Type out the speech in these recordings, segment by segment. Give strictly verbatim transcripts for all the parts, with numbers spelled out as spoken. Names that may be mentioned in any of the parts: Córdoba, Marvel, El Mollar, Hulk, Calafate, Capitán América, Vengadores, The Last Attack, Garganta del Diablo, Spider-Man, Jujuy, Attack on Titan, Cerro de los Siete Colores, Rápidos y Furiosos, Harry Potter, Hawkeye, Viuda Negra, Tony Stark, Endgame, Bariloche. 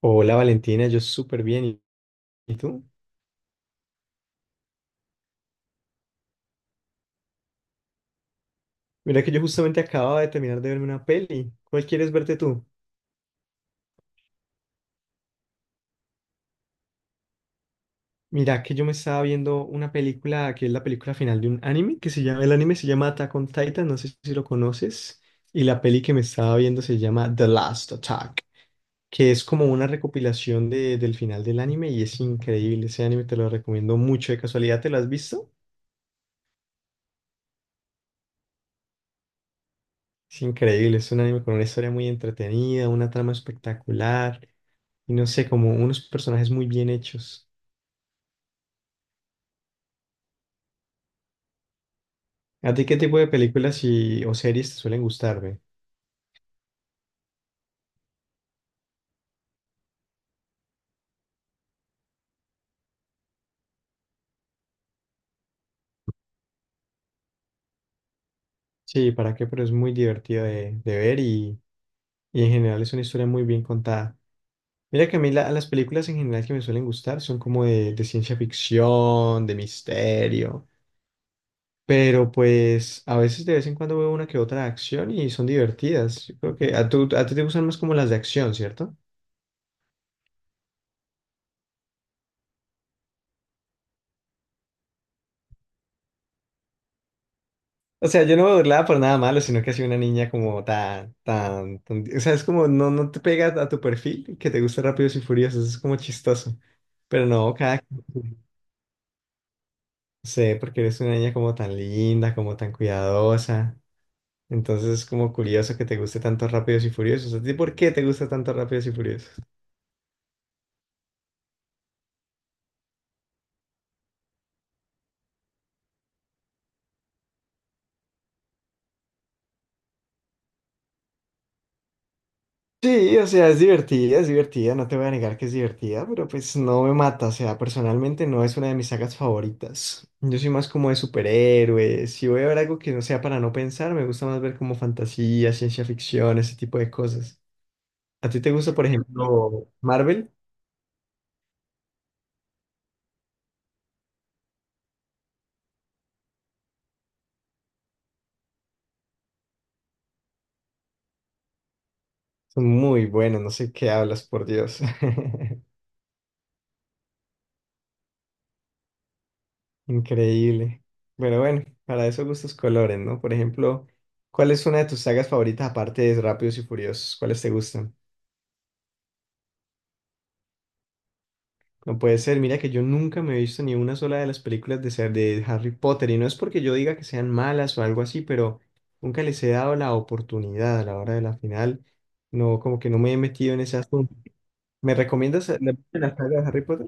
Hola Valentina, yo súper bien. ¿Y y tú? Mira que yo justamente acababa de terminar de verme una peli. ¿Cuál quieres verte tú? Mira que yo me estaba viendo una película que es la película final de un anime que se llama, el anime se llama Attack on Titan, no sé si lo conoces. Y la peli que me estaba viendo se llama The Last Attack, que es como una recopilación de, del final del anime y es increíble. Ese anime te lo recomiendo mucho. ¿De casualidad te lo has visto? Es increíble, es un anime con una historia muy entretenida, una trama espectacular y no sé, como unos personajes muy bien hechos. ¿A ti qué tipo de películas y, o series te suelen gustar, ve? Sí, ¿para qué? Pero es muy divertido de, de ver y, y en general es una historia muy bien contada. Mira que a mí la- las películas en general que me suelen gustar son como de, de ciencia ficción, de misterio, pero pues a veces de vez en cuando veo una que otra de acción y son divertidas. Yo creo que a, tú- a ti te gustan más como las de acción, ¿cierto? O sea, yo no me burlaba por nada malo, sino que ha sido una niña como tan, tan, tan- O sea, es como no, no te pega a tu perfil que te gusta Rápidos y Furiosos, es como chistoso. Pero no, cada... sé, porque eres una niña como tan linda, como tan cuidadosa. Entonces es como curioso que te guste tanto Rápidos y Furiosos. ¿A ti por qué te gusta tanto Rápidos y Furiosos? Sí, o sea, es divertida, es divertida, no te voy a negar que es divertida, pero pues no me mata, o sea, personalmente no es una de mis sagas favoritas. Yo soy más como de superhéroes, si voy a ver algo que no sea para no pensar, me gusta más ver como fantasía, ciencia ficción, ese tipo de cosas. ¿A ti te gusta, por ejemplo, Marvel? Son muy buenos, no sé qué hablas, por Dios. Increíble. Bueno, bueno, para eso gustos colores, ¿no? Por ejemplo, ¿cuál es una de tus sagas favoritas aparte de Rápidos y Furiosos? ¿Cuáles te gustan? No puede ser, mira que yo nunca me he visto ni una sola de las películas de, ser- de Harry Potter y no es porque yo diga que sean malas o algo así, pero nunca les he dado la oportunidad a la hora de la final. No, como que no me he metido en ese asunto. ¿Me recomiendas la, la saga de Harry Potter?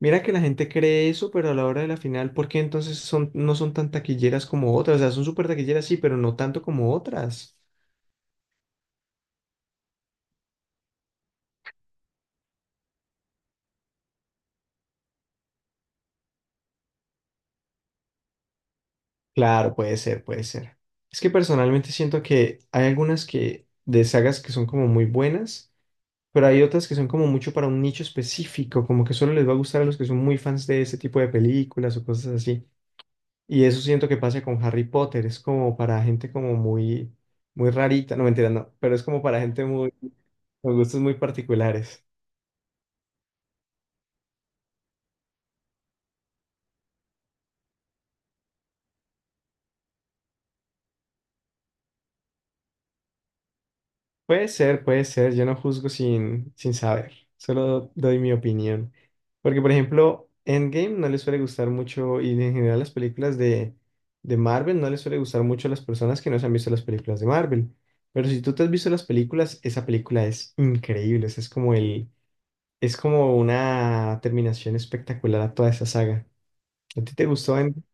Mira que la gente cree eso, pero a la hora de la final, ¿por qué entonces son, no son tan taquilleras como otras? O sea, son súper taquilleras, sí, pero no tanto como otras. Claro, puede ser, puede ser. Es que personalmente siento que hay algunas que de sagas que son como muy buenas pero hay otras que son como mucho para un nicho específico, como que solo les va a gustar a los que son muy fans de ese tipo de películas o cosas así. Y eso siento que pasa con Harry Potter, es como para gente como muy, muy rarita, no mentira, no, pero es como para gente muy, con gustos muy particulares. Puede ser, puede ser, yo no juzgo sin, sin saber, solo doy mi opinión. Porque, por ejemplo, Endgame no le suele gustar mucho, y en general las películas de, de Marvel no les suele gustar mucho a las personas que no se han visto las películas de Marvel. Pero si tú te has visto las películas, esa película es increíble, o sea, es como el, es como una terminación espectacular a toda esa saga. ¿A ti te gustó Endgame?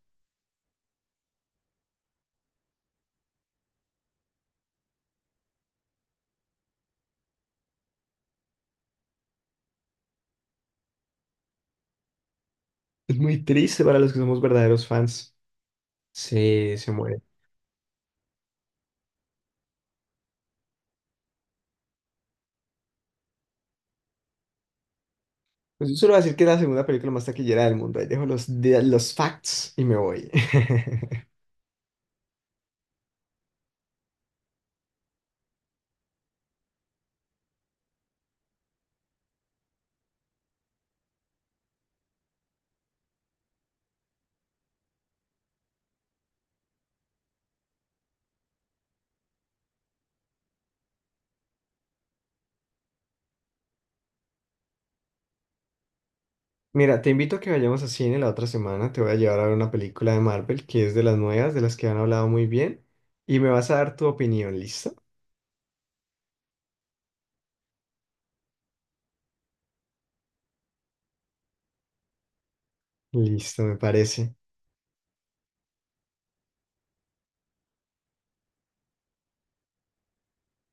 Es muy triste para los que somos verdaderos fans. Se, se muere. Pues yo solo voy a decir que es la segunda película más taquillera del mundo. Ahí dejo los, de- los facts y me voy. Mira, te invito a que vayamos a cine la otra semana. Te voy a llevar a ver una película de Marvel que es de las nuevas, de las que han hablado muy bien. Y me vas a dar tu opinión, ¿listo? Listo, me parece.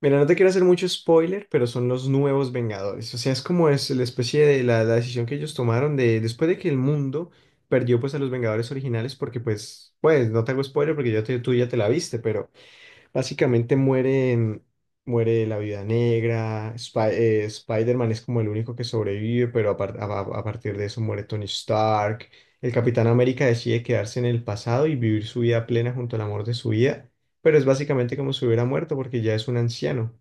Mira, no te quiero hacer mucho spoiler, pero son los nuevos Vengadores. O sea, es como es la especie de la, la decisión que ellos tomaron de después de que el mundo perdió pues a los Vengadores originales, porque pues, pues, no te hago spoiler porque ya te- tú ya te la viste, pero... Básicamente mueren, muere la Viuda Negra, Spi- eh, Spider-Man es como el único que sobrevive, pero a, par- a- a a partir de eso muere Tony Stark. El Capitán América decide quedarse en el pasado y vivir su vida plena junto al amor de su vida, pero es básicamente como si hubiera muerto porque ya es un anciano.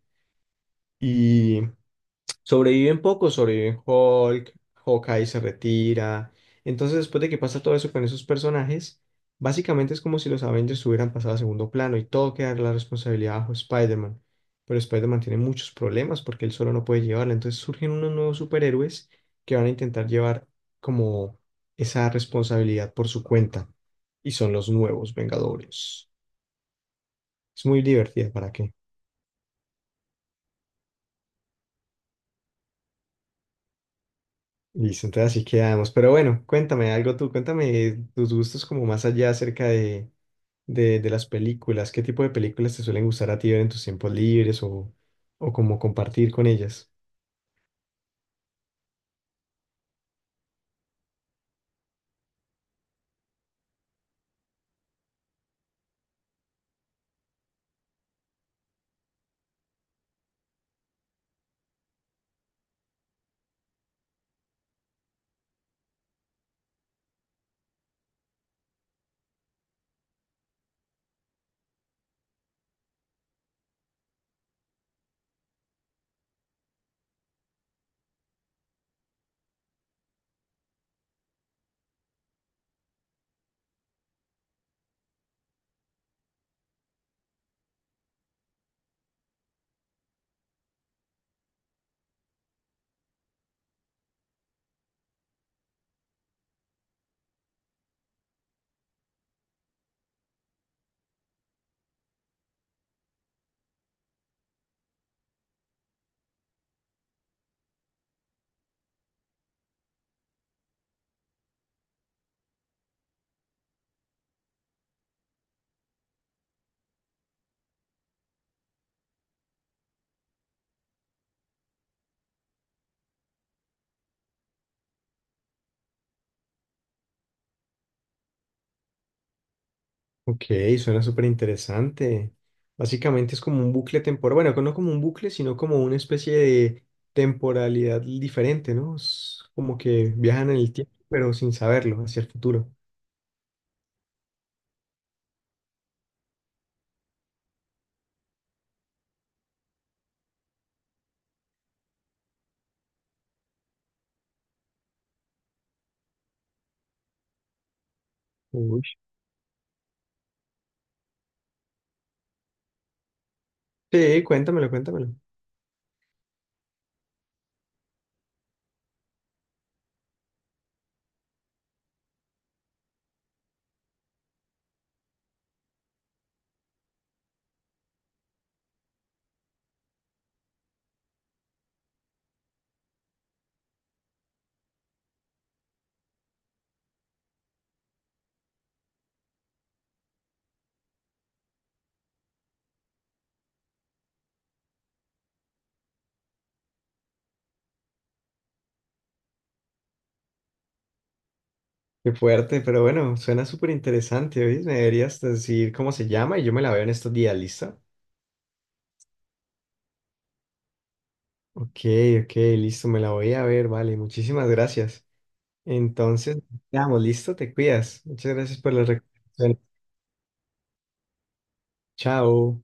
Sobreviven pocos, sobreviven Hulk, Hawkeye se retira. Entonces, después de que pasa todo eso con esos personajes, básicamente es como si los Avengers hubieran pasado a segundo plano y todo queda la responsabilidad bajo Spider-Man. Pero Spider-Man tiene muchos problemas porque él solo no puede llevarla. Entonces surgen unos nuevos superhéroes que van a intentar llevar como esa responsabilidad por su cuenta. Y son los nuevos Vengadores. Es muy divertida, ¿para qué? Listo, entonces así quedamos. Pero bueno, cuéntame algo tú, cuéntame tus gustos como más allá acerca de, de, de las películas. ¿Qué tipo de películas te suelen gustar a ti ver en tus tiempos libres o, o como compartir con ellas? Ok, suena súper interesante. Básicamente es como un bucle temporal, bueno, no como un bucle, sino como una especie de temporalidad diferente, ¿no? Es como que viajan en el tiempo, pero sin saberlo, hacia el futuro. Uy. Sí, cuéntamelo, cuéntamelo. Qué fuerte, pero bueno, suena súper interesante, ¿oís? Me deberías decir cómo se llama y yo me la veo en estos días, ¿listo? Ok, ok, listo, me la voy a ver, vale, muchísimas gracias. Entonces, quedamos, listo, te cuidas. Muchas gracias por las recomendaciones. Chao.